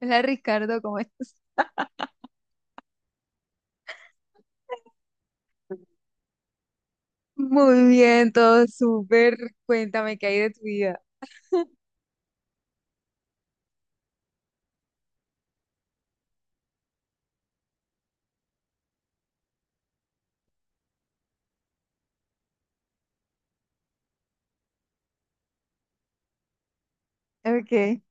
Hola Ricardo, ¿cómo estás? Muy bien, todo súper. Cuéntame qué hay de tu vida. Okay.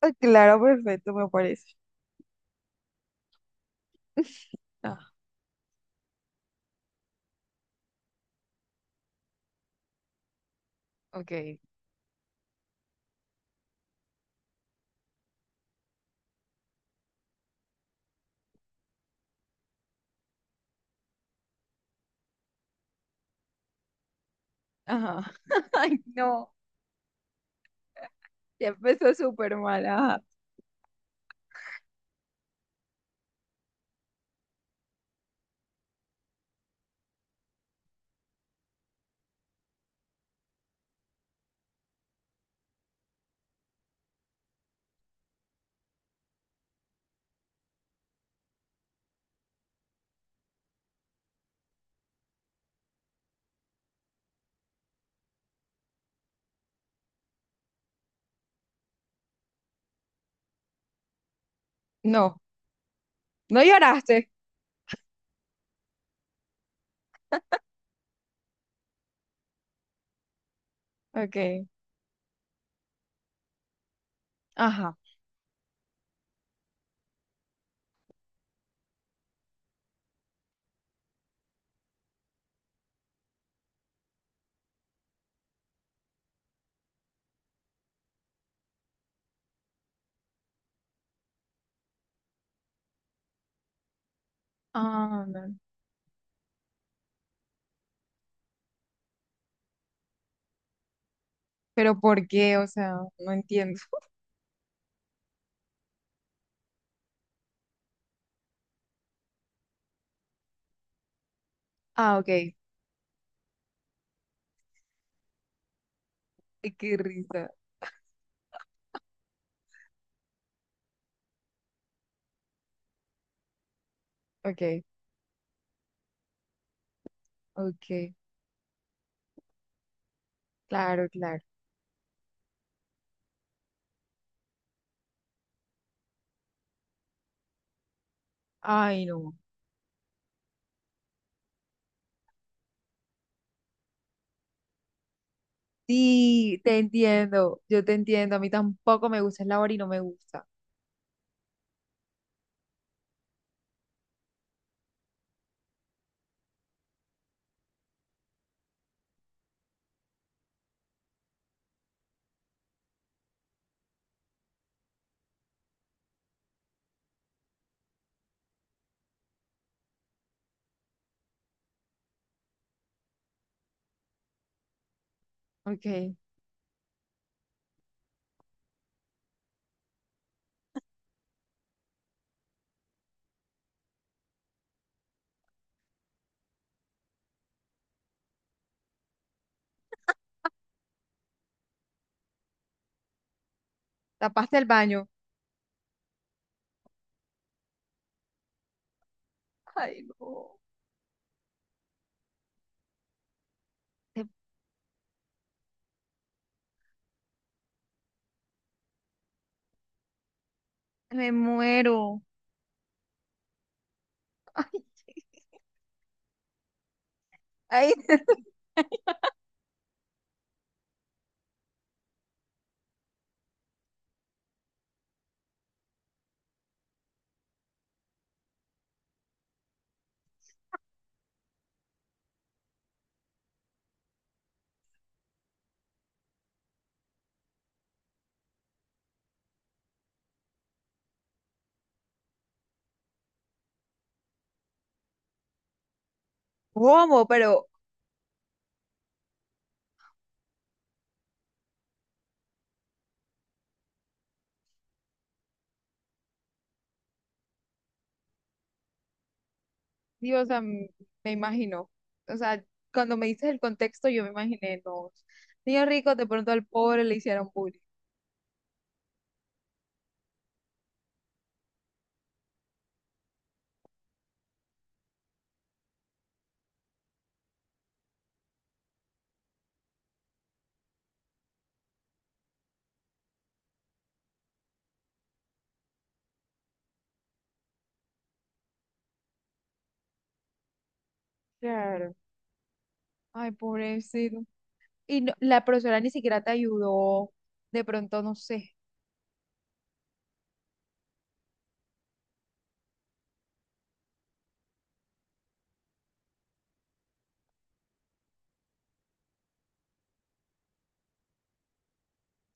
Ah, claro, perfecto, me parece. Ah, ok. Ajá. Ay, no. Ya empezó súper mal. Ajá. No, no lloraste. Ok. Ajá. Ah, no. Pero ¿por qué? O sea, no entiendo. Ah, ok. Ay, qué risa. Ok, ok. Claro, claro. Ay, no. Sí, te entiendo. Yo te entiendo. A mí tampoco me gusta el labor y no me gusta. Ok. Tapaste el baño. Ay, no. Te- Me muero. Ay, ay. ¿Cómo? Pero, Dios, o sea, me imagino. O sea, cuando me dices el contexto, yo me imaginé, no. Niño rico, de pronto al pobre le hicieron bullying. Claro. Ay, pobrecito. La profesora ni siquiera te ayudó. De pronto, no sé.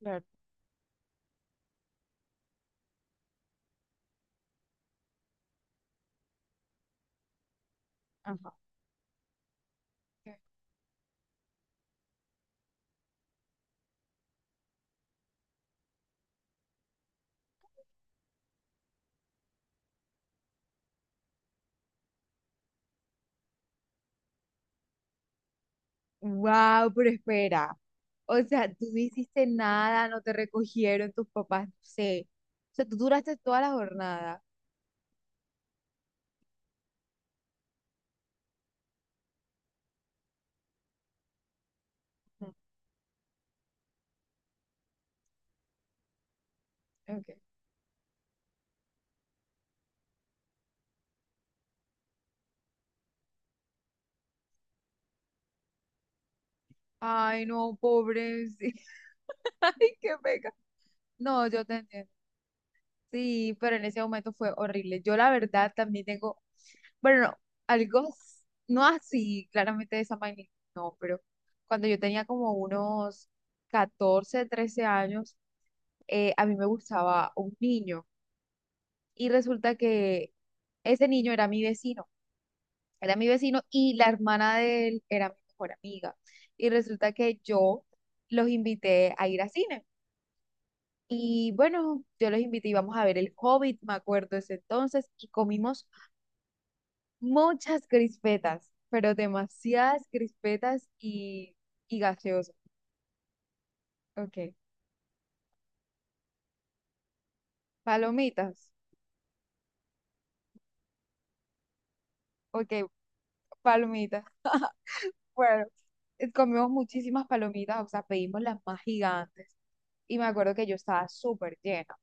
Claro. Ajá. Wow, pero espera. O sea, tú no hiciste nada, no te recogieron tus papás, no sé. O sea, tú duraste toda la jornada. Mm, ok. Ay, no, pobre. Sí. Ay, qué pega. No, yo te entiendo. Sí, pero en ese momento fue horrible. Yo la verdad también tengo, bueno, no, algo, no así, claramente de esa magnitud, no, pero cuando yo tenía como unos 14, 13 años, a mí me gustaba un niño. Y resulta que ese niño era mi vecino y la hermana de él era mi mejor amiga. Y resulta que yo los invité a ir a cine. Y bueno, yo los invité y vamos a ver El Hobbit, me acuerdo ese entonces, y comimos muchas crispetas, pero demasiadas crispetas y gaseosas. Ok, palomitas, ok, palomitas. Bueno, comimos muchísimas palomitas, o sea, pedimos las más gigantes. Y me acuerdo que yo estaba súper llena.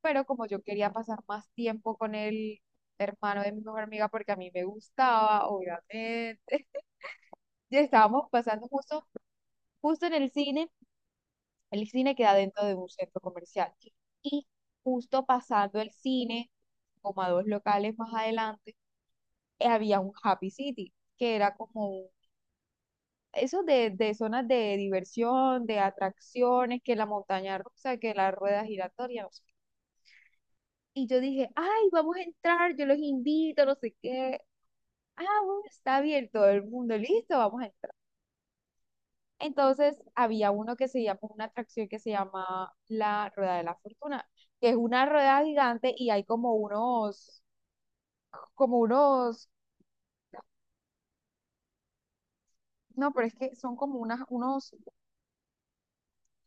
Pero como yo quería pasar más tiempo con el hermano de mi mejor amiga, porque a mí me gustaba, obviamente, ya estábamos pasando justo, justo en el cine. El cine queda dentro de un centro comercial. Y justo pasando el cine, como a dos locales más adelante, había un Happy City, que era como eso de zonas de diversión, de atracciones, que la montaña rusa, que la rueda giratoria, no sé qué. Y yo dije, ay, vamos a entrar, yo los invito, no sé qué. Ah, bueno, está bien, todo el mundo, listo, vamos a entrar. Entonces, había uno que se llama, una atracción que se llama la Rueda de la Fortuna, que es una rueda gigante y hay como unos, no, pero es que son como unas, unos,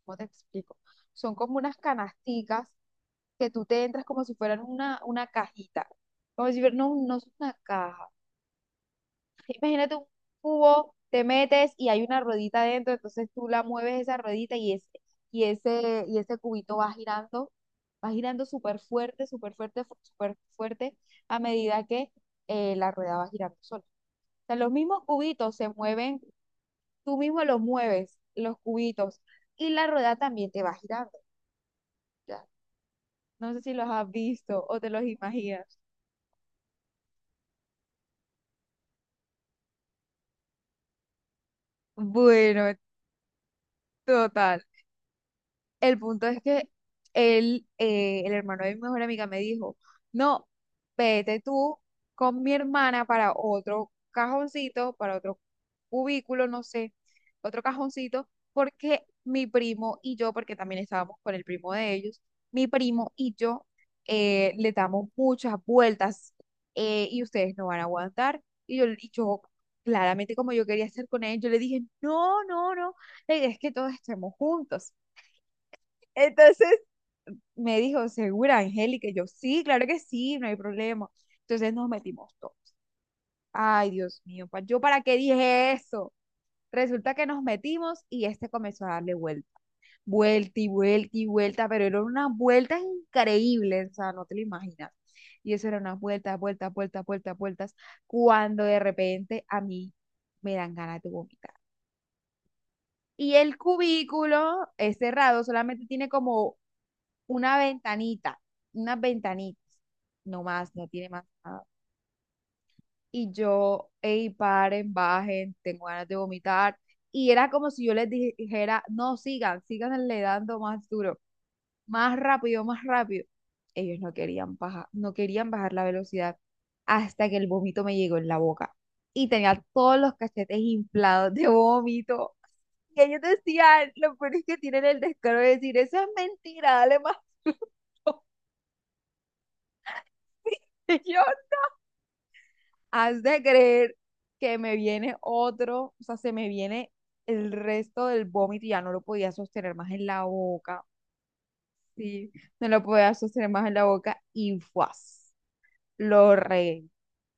¿cómo te explico? Son como unas canasticas que tú te entras como si fueran una cajita. Como si fuera, no, no es una caja. Imagínate un cubo, te metes y hay una ruedita dentro, entonces tú la mueves esa ruedita y y ese cubito va girando súper fuerte, súper fuerte, súper fuerte, a medida que la rueda va girando sola. O sea, los mismos cubitos se mueven, tú mismo los mueves, los cubitos, y la rueda también te va girando. Ya. No sé si los has visto o te los imaginas. Bueno, total. El punto es que él, el hermano de mi mejor amiga me dijo, no, vete tú con mi hermana para otro cajoncito, para otro cubículo, no sé, otro cajoncito, porque mi primo y yo, porque también estábamos con el primo de ellos, mi primo y yo le damos muchas vueltas, y ustedes no van a aguantar. Y yo claramente como yo quería hacer con él, yo le dije, no, no, no, la idea es que todos estemos juntos. Entonces me dijo, ¿segura, Angélica? Y yo, sí, claro que sí, no hay problema. Entonces nos metimos todos. Ay, Dios mío, ¿yo para qué dije eso? Resulta que nos metimos y este comenzó a darle vuelta, vuelta y vuelta y vuelta, pero eran unas vueltas increíbles, o sea, no te lo imaginas. Y eso era unas vueltas, vueltas, vueltas, vueltas, vueltas, cuando de repente a mí me dan ganas de vomitar. Y el cubículo es cerrado, solamente tiene como una ventanita, unas ventanitas, no más, no tiene más nada. Y yo, hey, paren, bajen, tengo ganas de vomitar. Y era como si yo les dijera, no, sigan, sigan le dando más duro, más rápido, más rápido. Ellos no querían bajar, no querían bajar la velocidad hasta que el vómito me llegó en la boca. Y tenía todos los cachetes inflados de vómito. Y ellos decían, lo peor es que tienen el descaro de decir, eso es mentira, dale más duro. Señor, has de creer que me viene otro, o sea, se me viene el resto del vómito, y ya no lo podía sostener más en la boca, sí, no lo podía sostener más en la boca y ¡fuas! Lo regué.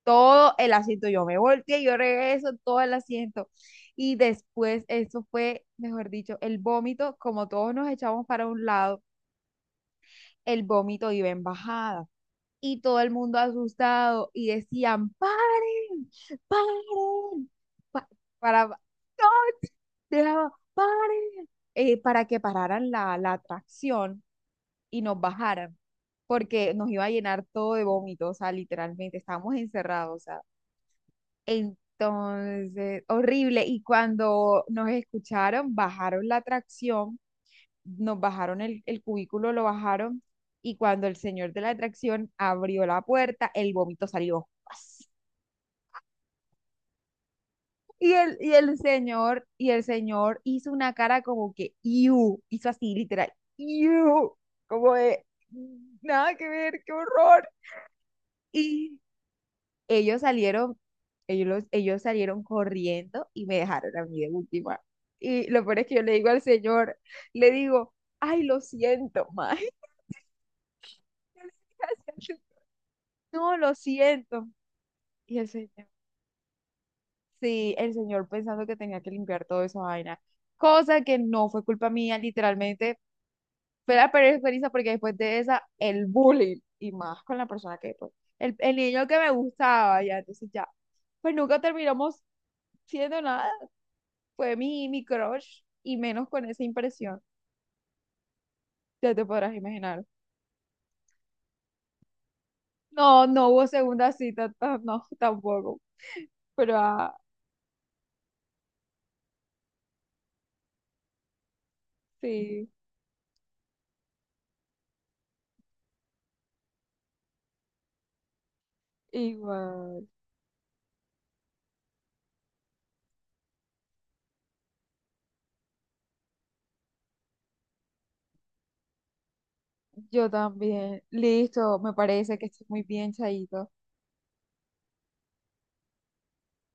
Todo el asiento, yo me volteé, yo regué eso todo el asiento. Y después, eso fue, mejor dicho, el vómito, como todos nos echamos para un lado, el vómito iba en bajada. Y todo el mundo asustado y decían, paren, paren, pa- para, no, dejaba, paren, para que pararan la, la atracción y nos bajaran, porque nos iba a llenar todo de vómito, o sea, literalmente, estábamos encerrados, o sea, entonces, horrible, y cuando nos escucharon, bajaron la atracción, nos bajaron el cubículo, lo bajaron y cuando el señor de la atracción abrió la puerta, el vómito salió. Y el señor hizo una cara como que, "Iu", hizo así, literal, "Iu", como de, nada que ver, qué horror. Y ellos salieron, ellos salieron corriendo y me dejaron a mí de última. Y lo peor es que yo le digo al señor, le digo, ay, lo siento, maestro. No, lo siento. Y el señor, sí, el señor pensando que tenía que limpiar toda esa vaina, cosa que no fue culpa mía, literalmente fue la peor experiencia porque después de esa, el bullying, y más con la persona que, pues, el niño que me gustaba, ya, entonces ya, pues nunca terminamos siendo nada, fue mi crush, y menos con esa impresión, ya te podrás imaginar. No, no hubo segunda cita, no, tampoco, pero ah, sí, igual. Yo también. Listo, me parece que estoy muy bien, Chaito.